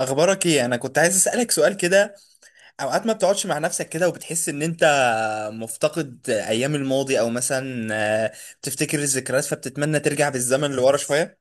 اخبارك ايه؟ انا كنت عايز اسالك سؤال كده. اوقات ما بتقعدش مع نفسك كده وبتحس ان انت مفتقد ايام الماضي، او مثلا آه، بتفتكر الذكريات فبتتمنى ترجع بالزمن لورا شويه.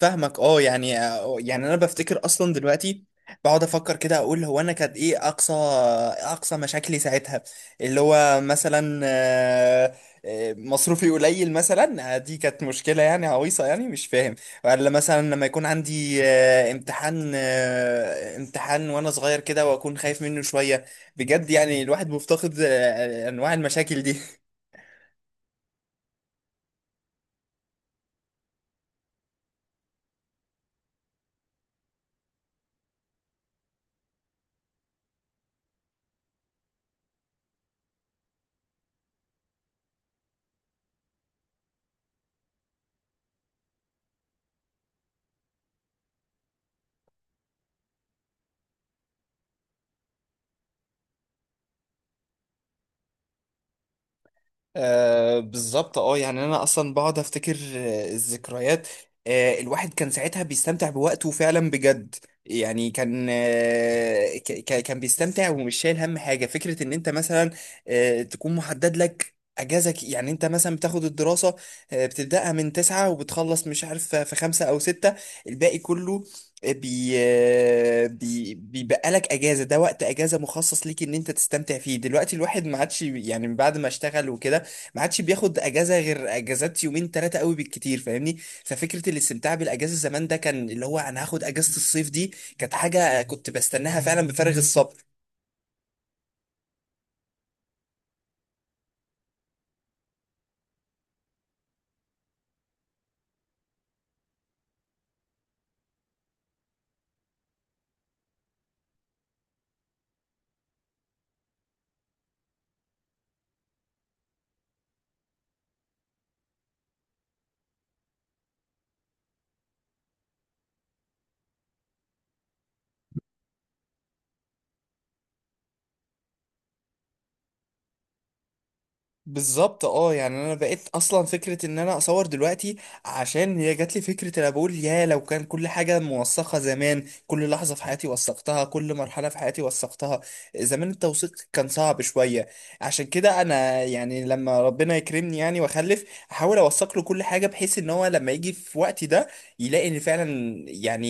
فاهمك، اه يعني، يعني انا بفتكر اصلا دلوقتي بقعد افكر كده، اقول هو انا كانت ايه اقصى مشاكلي ساعتها؟ اللي هو مثلا مصروفي قليل مثلا، دي كانت مشكلة يعني عويصة، يعني مش فاهم. ولا مثلا لما يكون عندي امتحان، امتحان وانا صغير كده واكون خايف منه شوية. بجد يعني الواحد مفتقد انواع المشاكل دي. آه بالظبط، اه يعني انا اصلا بقعد افتكر الذكريات. آه، الواحد كان ساعتها بيستمتع بوقته فعلا بجد. يعني كان كان بيستمتع ومش شايل هم حاجه. فكره ان انت مثلا تكون محدد لك اجازك، يعني انت مثلا بتاخد الدراسه، بتبداها من تسعة وبتخلص مش عارف في خمسة او ستة، الباقي كله آه، بي آه، بي بيبقى لك اجازه. ده وقت اجازه مخصص ليك ان انت تستمتع فيه. دلوقتي الواحد ما عادش، يعني بعد ما اشتغل وكده ما عادش بياخد اجازه غير اجازات يومين ثلاثه قوي بالكتير، فاهمني؟ ففكره الاستمتاع بالاجازه زمان، ده كان اللي هو انا هاخد اجازه الصيف دي، كانت حاجه كنت بستناها فعلا بفارغ الصبر. بالظبط، اه يعني انا بقيت اصلا فكره ان انا اصور دلوقتي عشان هي جات لي فكره. انا بقول يا لو كان كل حاجه موثقه زمان، كل لحظه في حياتي وثقتها، كل مرحله في حياتي وثقتها. زمان التوثيق كان صعب شويه. عشان كده انا يعني لما ربنا يكرمني يعني واخلف، احاول اوثق له كل حاجه بحيث ان هو لما يجي في وقتي ده يلاقي ان فعلا يعني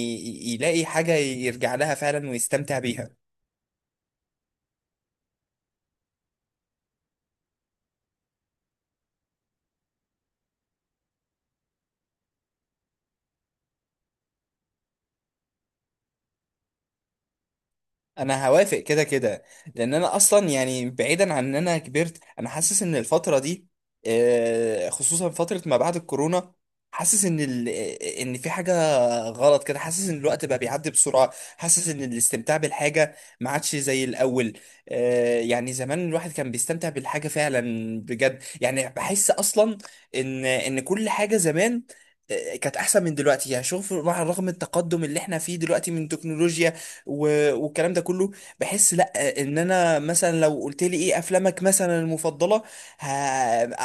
يلاقي حاجه يرجع لها فعلا ويستمتع بيها. انا هوافق كده كده، لان انا اصلا يعني بعيدا عن ان انا كبرت، انا حاسس ان الفتره دي، خصوصا فتره ما بعد الكورونا، حاسس ان ال... آه، ان في حاجه غلط كده. حاسس ان الوقت بقى بيعدي بسرعه، حاسس ان الاستمتاع بالحاجه ما عادش زي الاول. يعني زمان الواحد كان بيستمتع بالحاجه فعلا بجد. يعني بحس اصلا ان كل حاجه زمان كانت احسن من دلوقتي. يعني شوف، مع رغم التقدم اللي احنا فيه دلوقتي من تكنولوجيا والكلام ده كله، بحس لا. ان انا مثلا لو قلت لي ايه افلامك مثلا المفضله؟ ه...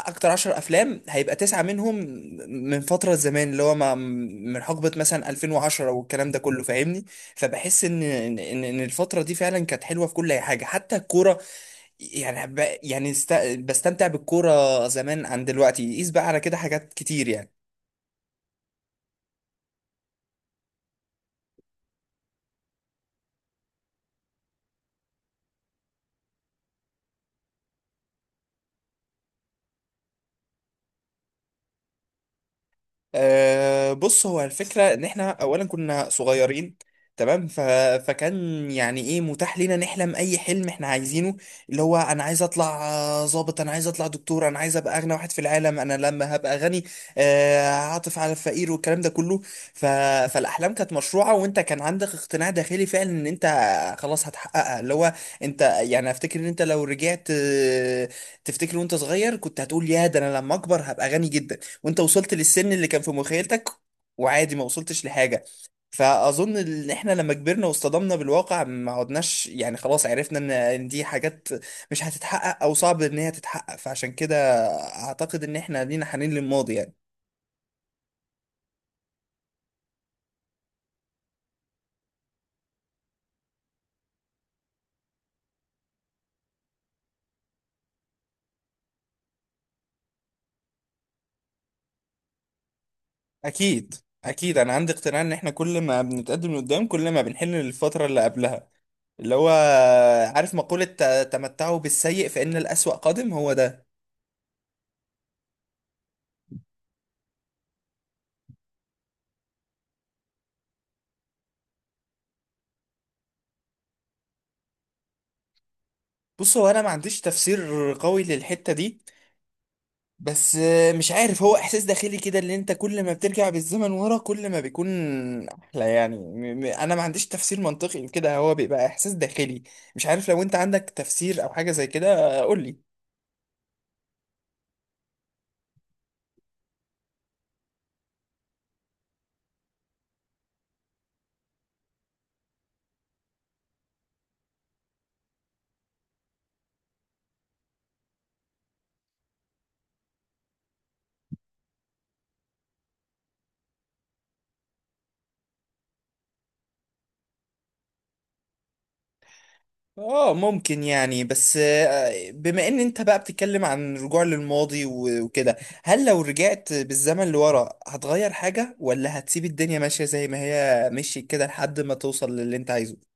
اكتر عشر افلام هيبقى تسعه منهم من فتره زمان، اللي هو ما... من حقبه مثلا 2010 والكلام ده كله، فاهمني؟ فبحس ان ان ان إن الفتره دي فعلا كانت حلوه في كل حاجه، حتى الكوره. يعني بستمتع بالكوره زمان عن دلوقتي، قيس بقى على كده حاجات كتير يعني. أه بص، هو الفكرة إن إحنا أولا كنا صغيرين، تمام؟ فكان يعني إيه متاح لينا نحلم أي حلم إحنا عايزينه، اللي هو أنا عايز أطلع ظابط، أنا عايز أطلع دكتور، أنا عايز أبقى أغنى واحد في العالم، أنا لما هبقى غني هعطف على الفقير والكلام ده كله. ف... فالأحلام كانت مشروعة، وأنت كان عندك اقتناع داخلي فعلا إن أنت خلاص هتحققها. اللي هو أنت يعني أفتكر إن أنت لو رجعت تفتكر وأنت صغير، كنت هتقول يا ده أنا لما أكبر هبقى غني جدا، وانت وصلت للسن اللي كان في مخيلتك وعادي ما وصلتش لحاجة. فأظن إن إحنا لما كبرنا واصطدمنا بالواقع ما عدناش، يعني خلاص عرفنا إن دي حاجات مش هتتحقق أو صعب إن هي تتحقق، فعشان كده أعتقد إن إحنا لينا حنين للماضي يعني. أكيد، أكيد أنا عندي اقتناع إن إحنا كل ما بنتقدم لقدام كل ما بنحن للفترة اللي قبلها. اللي هو عارف مقولة تمتعوا بالسيء فإن الأسوأ قادم، هو ده. بص، هو أنا ما عنديش تفسير قوي للحتة دي، بس مش عارف، هو احساس داخلي كده اللي انت كل ما بترجع بالزمن ورا كل ما بيكون احلى يعني. انا ما عنديش تفسير منطقي لكده، هو بيبقى احساس داخلي. مش عارف لو انت عندك تفسير او حاجة زي كده قول لي. اه ممكن يعني، بس بما ان انت بقى بتتكلم عن رجوع للماضي وكده، هل لو رجعت بالزمن لورا هتغير حاجة، ولا هتسيب الدنيا ماشية زي ما هي مشيت كده لحد ما توصل للي انت عايزه؟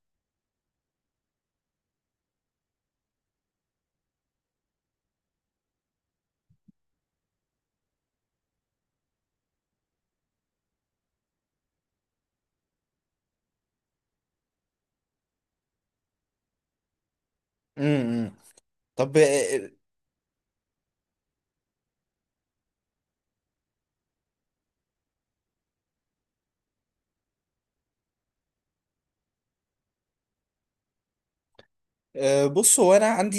امم طب. أه، بص، هو انا عندي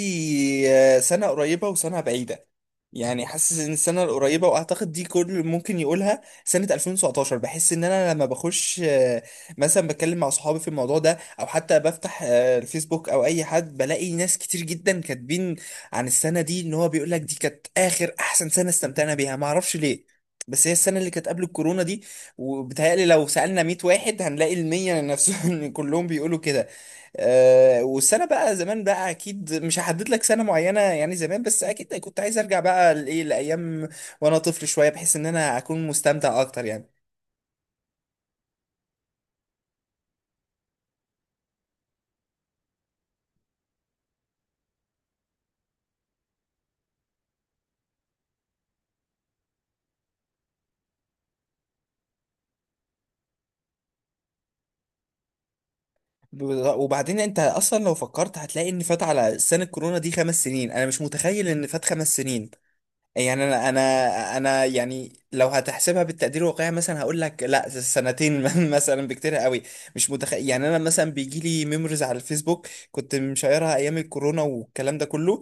أه، سنه قريبه وسنه بعيده. يعني حاسس ان السنه القريبه، واعتقد دي كل اللي ممكن يقولها، سنه 2019. بحس ان انا لما بخش مثلا بتكلم مع صحابي في الموضوع ده، او حتى بفتح الفيسبوك او اي حد، بلاقي ناس كتير جدا كاتبين عن السنه دي، ان هو بيقول لك دي كانت اخر احسن سنه استمتعنا بيها. ما اعرفش ليه، بس هي السنة اللي كانت قبل الكورونا دي. وبتهيألي لو سألنا 100 واحد هنلاقي المية نفسهم كلهم بيقولوا كده. أه، والسنه بقى زمان بقى اكيد مش هحدد لك سنه معينه يعني زمان، بس اكيد كنت عايز ارجع بقى لايه، لايام وانا طفل شويه، بحيث ان انا اكون مستمتع اكتر يعني. ب- وبعدين انت اصلا لو فكرت هتلاقي ان فات على سنه كورونا دي خمس سنين. انا مش متخيل ان فات خمس سنين، يعني انا يعني لو هتحسبها بالتقدير الواقعي مثلا هقول لك لا سنتين مثلا بكتير قوي. مش متخيل، يعني انا مثلا بيجي لي ميموريز على الفيسبوك كنت مشيرها ايام الكورونا والكلام ده كله،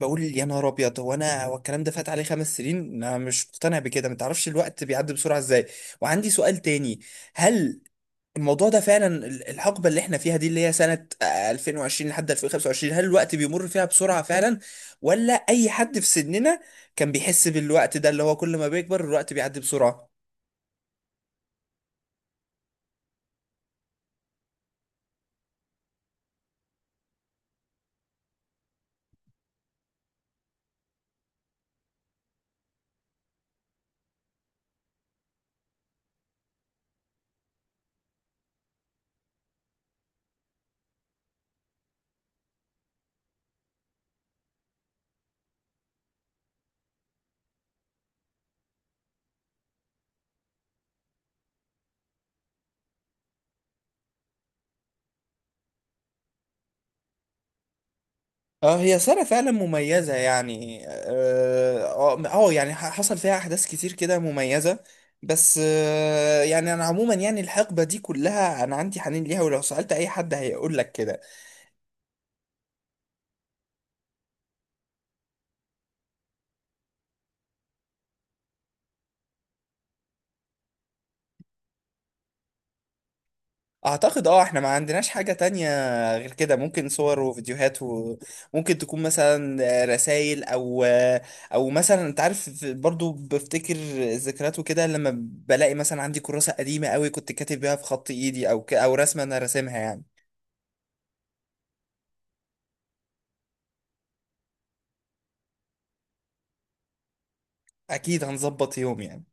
بقول يا نهار ابيض، هو انا هو الكلام ده فات عليه خمس سنين؟ انا مش مقتنع بكده. ما تعرفش الوقت بيعدي بسرعه ازاي. وعندي سؤال تاني، هل الموضوع ده فعلا الحقبه اللي احنا فيها دي، اللي هي سنه 2020 لحد 2025، هل الوقت بيمر فيها بسرعه فعلا، ولا اي حد في سننا كان بيحس بالوقت ده، اللي هو كل ما بيكبر الوقت بيعدي بسرعه؟ اه هي سنة فعلا مميزة يعني، اه، يعني حصل فيها أحداث كتير كده مميزة. بس يعني أنا عموما يعني الحقبة دي كلها أنا عندي حنين ليها، ولو سألت أي حد هيقول لك كده. أعتقد أه إحنا ما عندناش حاجة تانية غير كده. ممكن صور وفيديوهات، وممكن تكون مثلا رسائل، أو مثلا أنت عارف برضو بفتكر الذكريات وكده لما بلاقي مثلا عندي كراسة قديمة قوي كنت كاتب بيها في خط إيدي، أو رسمة أنا راسمها يعني. اكيد هنظبط يوم يعني.